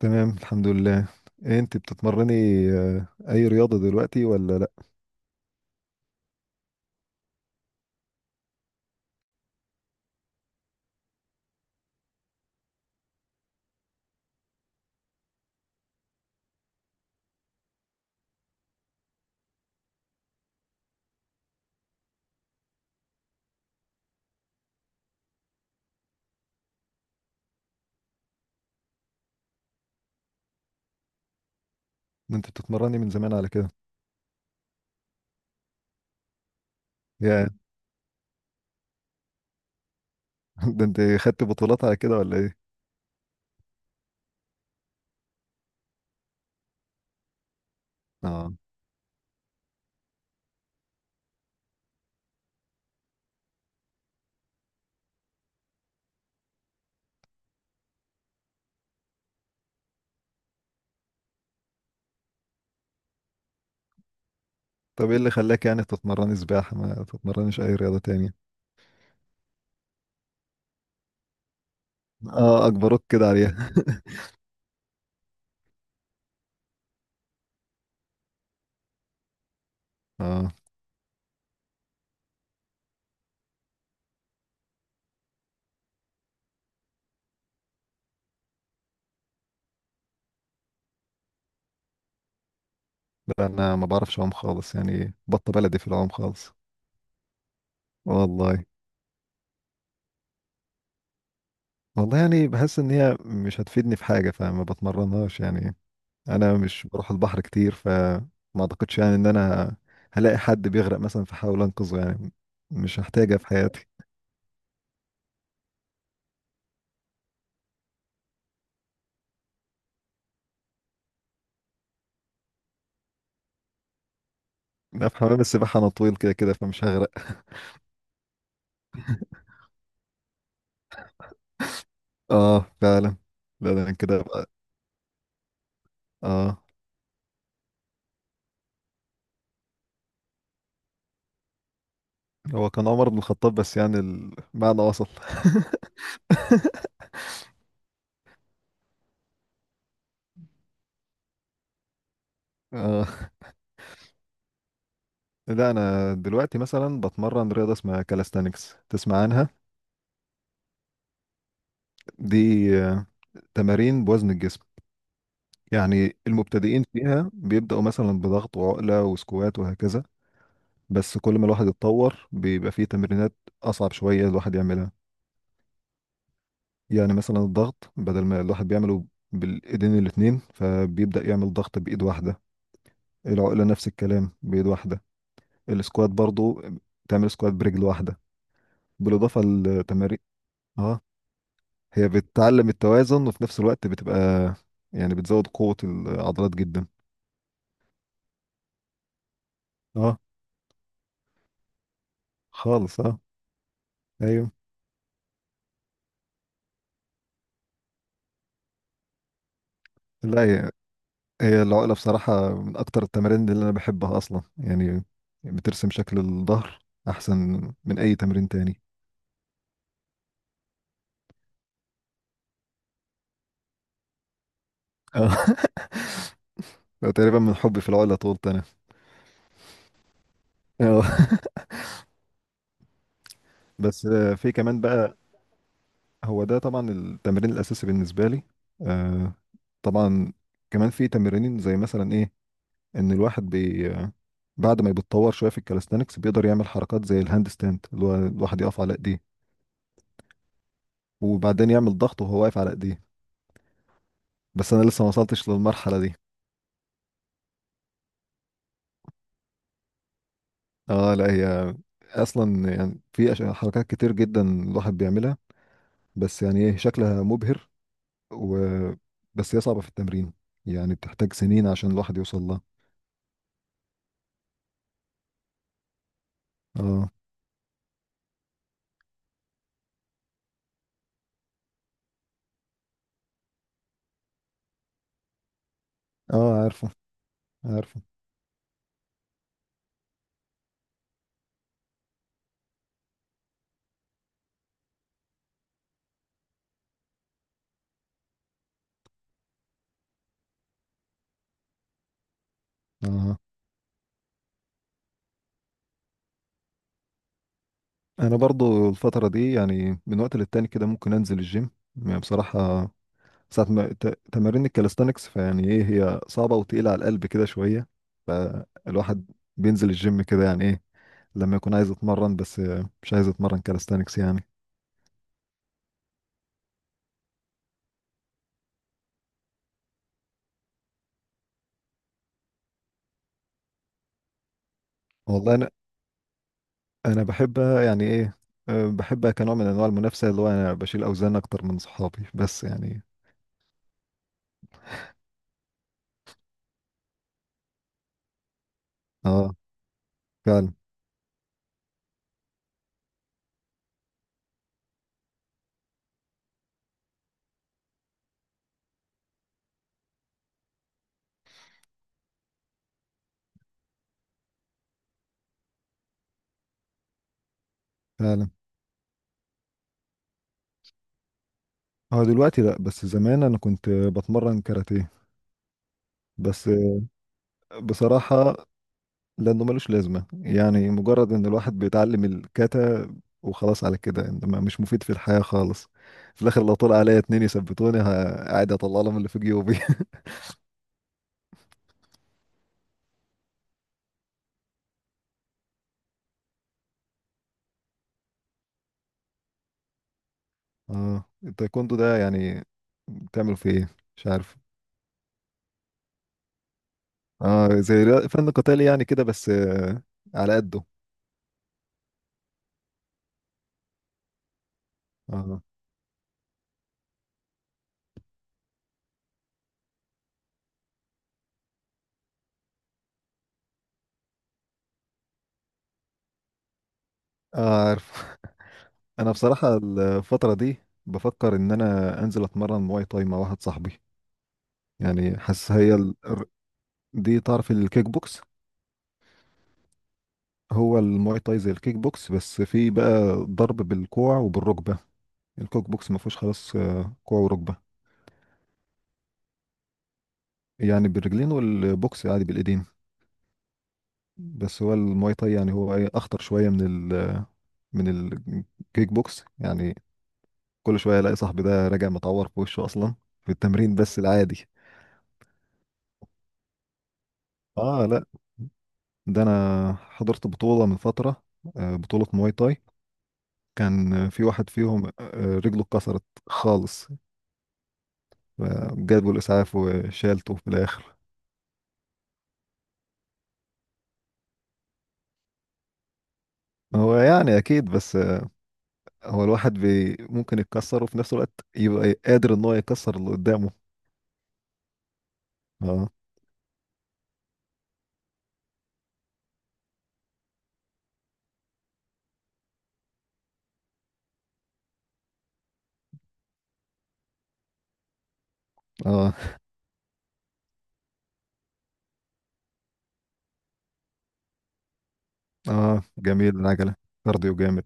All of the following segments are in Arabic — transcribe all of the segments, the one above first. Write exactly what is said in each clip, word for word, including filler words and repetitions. تمام، الحمد لله. إيه انت بتتمرني؟ آه، اي رياضة دلوقتي ولا لا؟ ده انت بتتمرني من زمان على كده؟ يا ده انت خدت بطولات على كده ولا ايه؟ اه. طب ايه اللي خلاك يعني تتمرني سباحة ما تتمرنيش اي رياضة تانية؟ اه، اجبروك كده عليها. اه. لا، انا ما بعرفش اعوم خالص، يعني بطة بلدي في العوم خالص. والله. والله، يعني بحس ان هي مش هتفيدني في حاجة فما بتمرنهاش يعني. انا مش بروح البحر كتير، فما اعتقدش يعني ان انا هلاقي حد بيغرق مثلا فحاول انقذه يعني. مش هحتاجها في حياتي. لا، في حمام السباحة انا طويل كده كده فمش هغرق. اه، فعلا. لا، ده أنا كده بقى. اه. هو كان عمر بن الخطاب، بس يعني المعنى وصل. اه. لا، انا دلوقتي مثلا بتمرن رياضه اسمها كالستانكس، تسمع عنها؟ دي آه، تمارين بوزن الجسم. يعني المبتدئين فيها بيبداوا مثلا بضغط وعقله وسكوات وهكذا. بس كل ما الواحد يتطور بيبقى فيه تمرينات أصعب شوية الواحد يعملها. يعني مثلا الضغط بدل ما الواحد بيعمله بالإيدين الاتنين فبيبدأ يعمل ضغط بإيد واحدة. العقلة نفس الكلام بإيد واحدة. السكوات برضو تعمل سكوات برجل واحدة، بالإضافة للتمارين. اه، هي بتعلم التوازن وفي نفس الوقت بتبقى يعني بتزود قوة العضلات جدا. اه خالص اه. ايوه. لا، هي العقلة بصراحة من أكتر التمارين اللي أنا بحبها أصلا يعني. بترسم شكل الظهر أحسن من أي تمرين تاني. آه. تقريبا من حبي في العقلة طولت أنا. آه. بس آه، في كمان بقى. هو ده طبعا التمرين الأساسي بالنسبة لي. آه، طبعا. كمان في تمرين زي مثلا إيه، إن الواحد بي آه، بعد ما بيتطور شوية في الكاليستانكس بيقدر يعمل حركات زي الهاند ستاند اللي هو الواحد يقف على إيديه. وبعدين يعمل ضغط وهو واقف على إيديه. بس أنا لسه ما وصلتش للمرحلة دي. اه، لا، هي اصلا يعني في أش- حركات كتير جدا الواحد بيعملها. بس يعني ايه شكلها مبهر. و بس هي صعبة في التمرين، يعني بتحتاج سنين عشان الواحد يوصل لها. اه. اه، عارفه، عارفه. اه، انا برضو الفترة دي يعني من وقت للتاني كده ممكن انزل الجيم. يعني بصراحة ساعة ما ت- تمارين الكاليستانكس فيعني ايه هي صعبة وتقيلة على القلب كده شوية. الواحد بينزل الجيم كده يعني ايه لما يكون عايز يتمرن، بس آه، مش عايز يتمرن كاليستانكس يعني. والله، انا بحب يعني ايه، أه، بحبها كنوع من انواع المنافسه، اللي هو انا بشيل اوزان اكتر من صحابي، بس يعني. اه، فعلا، فعلا. هو دلوقتي لا، بس زمان انا كنت بتمرن كاراتيه. بس آه، بصراحه لانه ملوش لازمه، يعني مجرد ان الواحد بيتعلم الكاتا وخلاص على كده، انما مش مفيد في الحياه خالص. في الاخر لو طلع عليا اتنين يثبتوني ه- قاعد اطلع لهم اللي في جيوبي. اه، التايكوندو ده يعني بتعمل فيه ايه؟ مش عارف. اه، زي رياض- فن قتالي يعني كده، بس آه، على قده. اه، آه، عارف. انا بصراحة الفترة دي بفكر ان انا انزل اتمرن مواي تاي مع واحد صاحبي. يعني حاسس هي ال... دي تعرف الكيك بوكس؟ هو المواي تاي زي الكيك بوكس بس في بقى ضرب بالكوع وبالركبة. الكيك بوكس ما فيهوش خلاص آه، كوع وركبة. يعني بالرجلين والبوكس عادي بالايدين. بس هو المواي تاي يعني هو ايه اخطر شوية من ال... من الكيك بوكس يعني. كل شويه الاقي صاحبي ده راجع متعور في وشه اصلا في التمرين بس العادي. اه، لا، ده انا حضرت بطوله من فتره، آه، بطوله مواي تاي. كان في واحد فيهم آه، رجله اتكسرت خالص. جابوا الاسعاف وشالته في الاخر. هو يعني اكيد، بس هو الواحد بي ممكن يتكسر وفي نفس الوقت يبقى قادر ان هو يكسر اللي قدامه. اه. اه، اه، جميل العجله، كارديو جامد.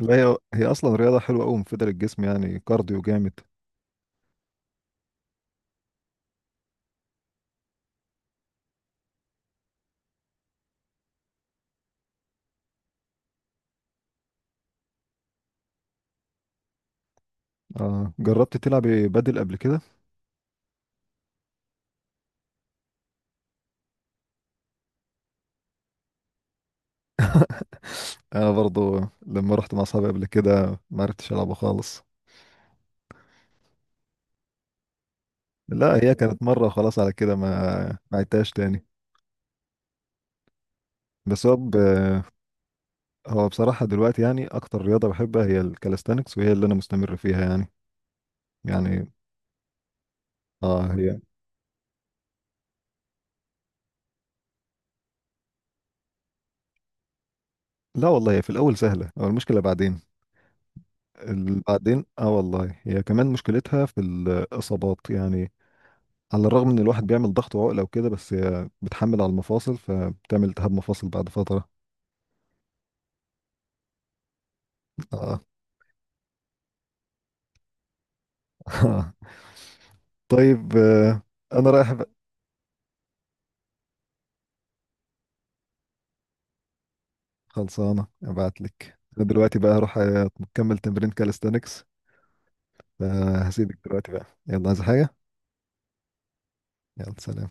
لا، هي هي اصلا رياضه حلوه قوي مفيده للجسم يعني، كارديو جامد. آه، جربت تلعب بدل قبل كده؟ انا برضو لما رحت مع اصحابي قبل كده ما عرفتش العبه خالص. لا، هي كانت مره وخلاص على كده، ما ما عدتهاش تاني. بس هو ب... هو بصراحه دلوقتي يعني اكتر رياضه بحبها هي الكاليستانكس، وهي اللي انا مستمر فيها يعني. يعني اه هي. لا والله هي في الاول سهله، هو المشكله بعدين. ال- بعدين اه، والله هي كمان مشكلتها في الاصابات يعني. على الرغم ان الواحد بيعمل ضغط وعقله وكده، بس هي بتحمل على المفاصل فبتعمل التهاب مفاصل بعد فتره. آه، آه. طيب، آه، انا رايح بقى. خلصانه ابعت لك. انا دلوقتي بقى هروح آه، اكمل تمرين كاليستانكس. فهسيبك دلوقتي بقى. يلا، عايز حاجه؟ يلا، سلام.